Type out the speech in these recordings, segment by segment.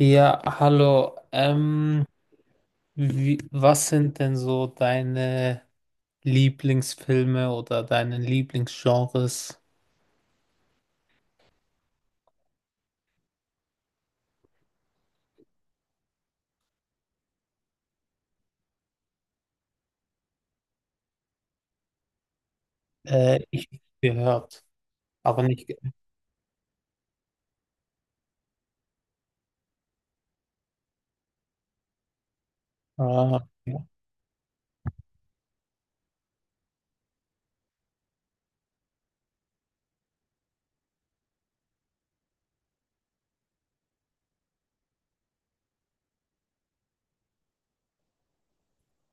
Ja, hallo. Was sind denn so deine Lieblingsfilme oder deine Lieblingsgenres? Ich habe gehört, aber nicht. Ah, ja.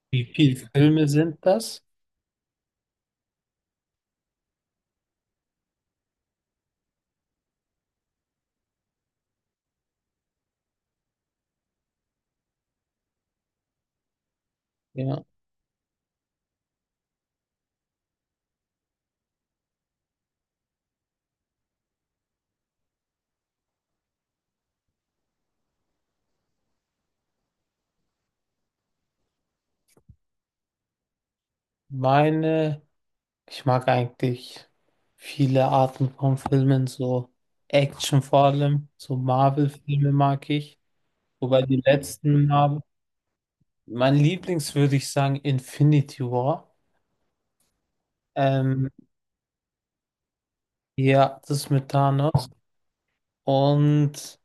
Wie viele Filme sind das? Ja, meine, ich mag eigentlich viele Arten von Filmen, so Action vor allem, so Marvel-Filme mag ich. Wobei die letzten Marvel, mein Lieblings würde ich sagen Infinity War. Ähm, Ja, das ist mit Thanos. Und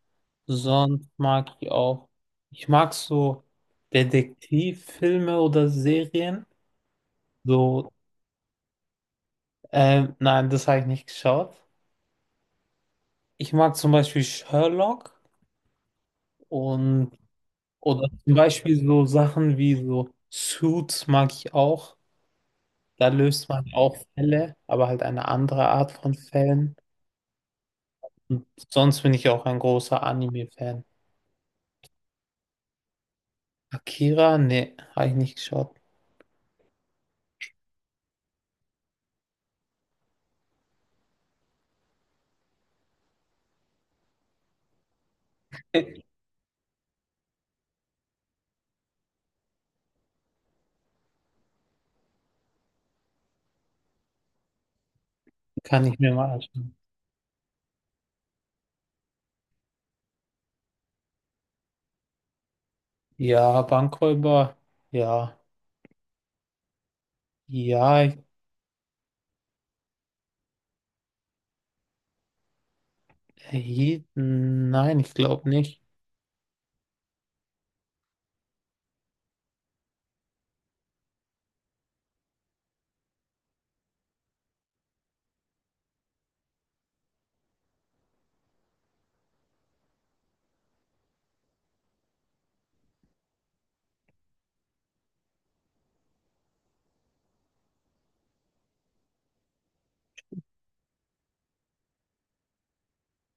sonst mag ich auch. Ich mag so Detektivfilme oder Serien. So, nein, das habe ich nicht geschaut. Ich mag zum Beispiel Sherlock und oder zum Beispiel so Sachen wie so Suits mag ich auch. Da löst man auch Fälle, aber halt eine andere Art von Fällen. Und sonst bin ich auch ein großer Anime-Fan. Akira? Nee, habe ich nicht geschaut. Kann ich mir mal anschauen. Ja, Bankräuber. Ja. Ja. Je, nein, ich glaube nicht.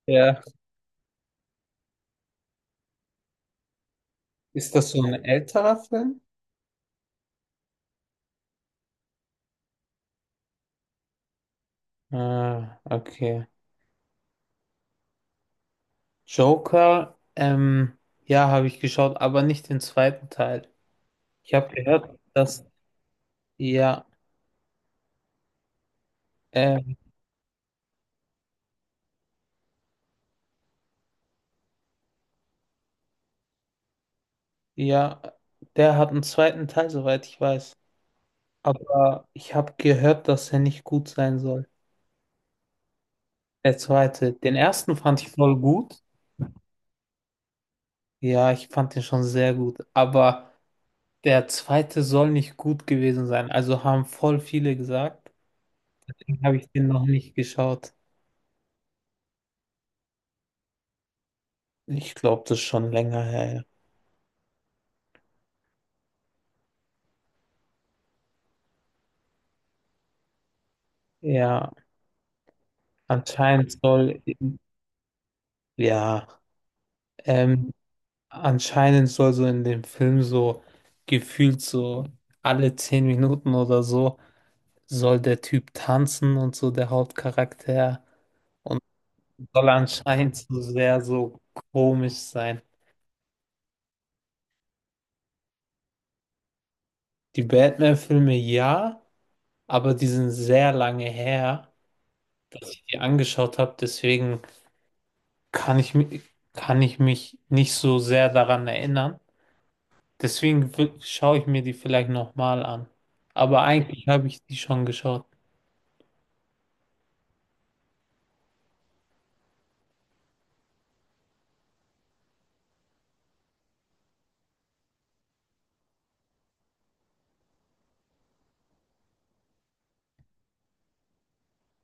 Ja. Ist das so ein älterer Film? Ah, okay. Joker, ja, habe ich geschaut, aber nicht den zweiten Teil. Ich habe gehört, dass, ja, ähm, ja, der hat einen zweiten Teil, soweit ich weiß. Aber ich habe gehört, dass er nicht gut sein soll. Der zweite. Den ersten fand ich voll gut. Ja, ich fand den schon sehr gut. Aber der zweite soll nicht gut gewesen sein. Also haben voll viele gesagt. Deswegen habe ich den noch nicht geschaut. Ich glaube, das ist schon länger her. Ja, ja, anscheinend soll, ja, ähm, anscheinend soll so in dem Film so gefühlt so alle 10 Minuten oder so soll der Typ tanzen und so der Hauptcharakter und soll anscheinend so sehr so komisch sein. Die Batman-Filme ja, aber die sind sehr lange her, dass ich die angeschaut habe. Deswegen kann ich, mi- kann ich mich nicht so sehr daran erinnern. Deswegen schaue ich mir die vielleicht nochmal an. Aber eigentlich habe ich die schon geschaut.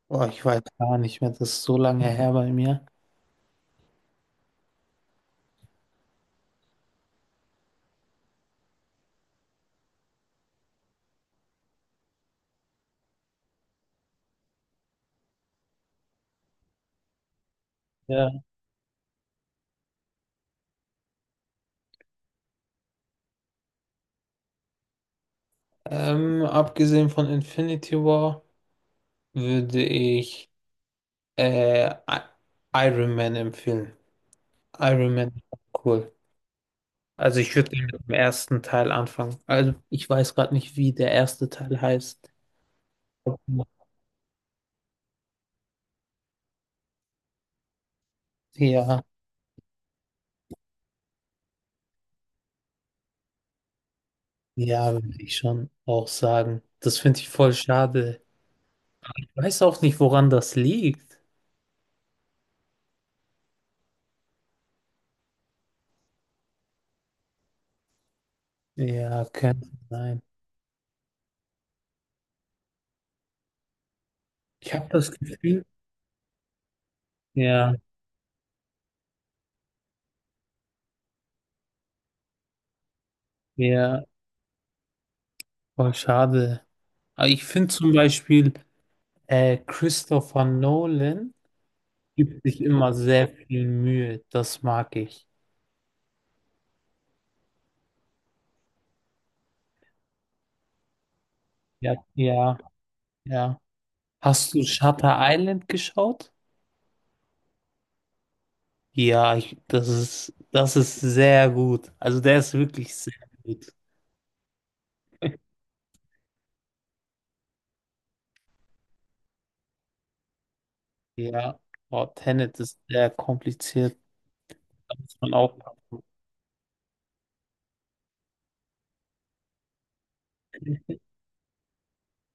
Oh, ich weiß gar nicht mehr, das ist so lange her bei mir. Ja. Abgesehen von Infinity War würde ich äh, I- Iron Man empfehlen. Iron Man, cool. Also ich würde gerne mit dem ersten Teil anfangen. Also ich weiß gerade nicht, wie der erste Teil heißt. Ja, ja, würde ich schon auch sagen. Das finde ich voll schade. Ich weiß auch nicht, woran das liegt. Ja, könnte sein. Ich habe das Gefühl, ja, ja, voll schade. Aber ich finde zum Beispiel, Christopher Nolan gibt sich immer sehr viel Mühe. Das mag ich. Ja, ja. Hast du Shutter Island geschaut? Das ist sehr gut. Also der ist wirklich sehr gut. Ja, oh, Tenet ist sehr kompliziert. Da muss man auch,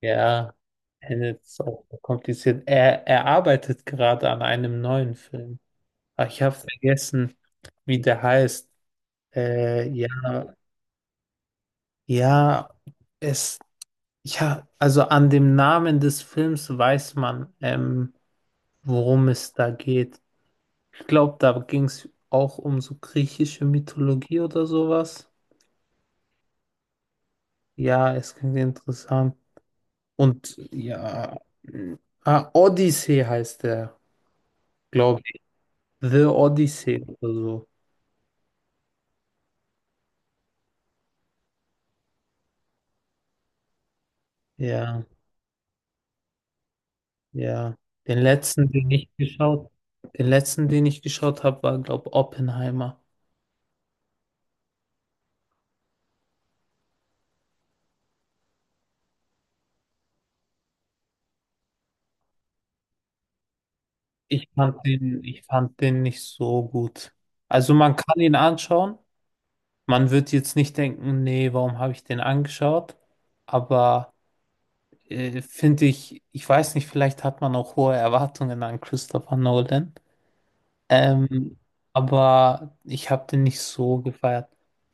ja, Tenet ist auch kompliziert. Er arbeitet gerade an einem neuen Film. Ah, ich habe vergessen, wie der heißt. Ja, ja, es, ja, also an dem Namen des Films weiß man, worum es da geht. Ich glaube, da ging es auch um so griechische Mythologie oder sowas. Ja, es klingt interessant. Und ja, ah, Odyssey heißt der, glaube ich. The Odyssey oder so. Ja, ja. Den letzten, den ich geschaut, den letzten, den ich geschaut habe, war, glaube ich, Oppenheimer. Ich fand den nicht so gut. Also man kann ihn anschauen. Man wird jetzt nicht denken, nee, warum habe ich den angeschaut? Aber finde ich, ich weiß nicht, vielleicht hat man auch hohe Erwartungen an Christopher Nolan. Ähm, aber ich habe den nicht so gefeiert.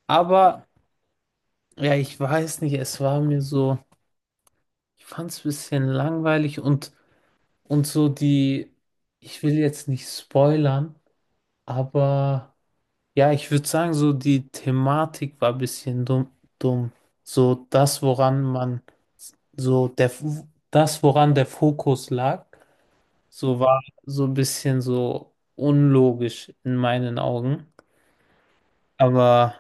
Aber ja, ich weiß nicht, es war mir so, ich fand es ein bisschen langweilig und so ich will jetzt nicht spoilern, aber ja, ich würde sagen, so die Thematik war ein bisschen dumm, dumm. So so der, das, woran der Fokus lag. So war so ein bisschen so unlogisch in meinen Augen. Aber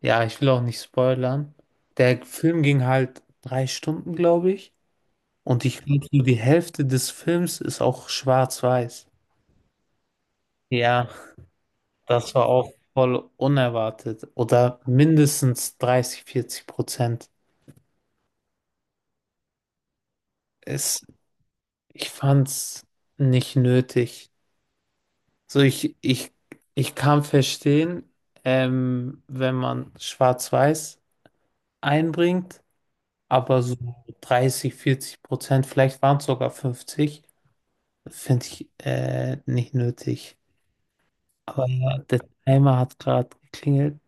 ja, ich will auch nicht spoilern. Der Film ging halt 3 Stunden, glaube ich. Und ich glaube, so die Hälfte des Films ist auch schwarz-weiß. Ja, das war auch voll unerwartet. Oder mindestens 30, 40%. Es, ich fand's nicht nötig. So, ich, ich, ich kann verstehen, wenn man schwarz-weiß einbringt, aber so 30, 40%, vielleicht waren es sogar 50, finde ich nicht nötig. Aber ja, der Timer hat gerade geklingelt.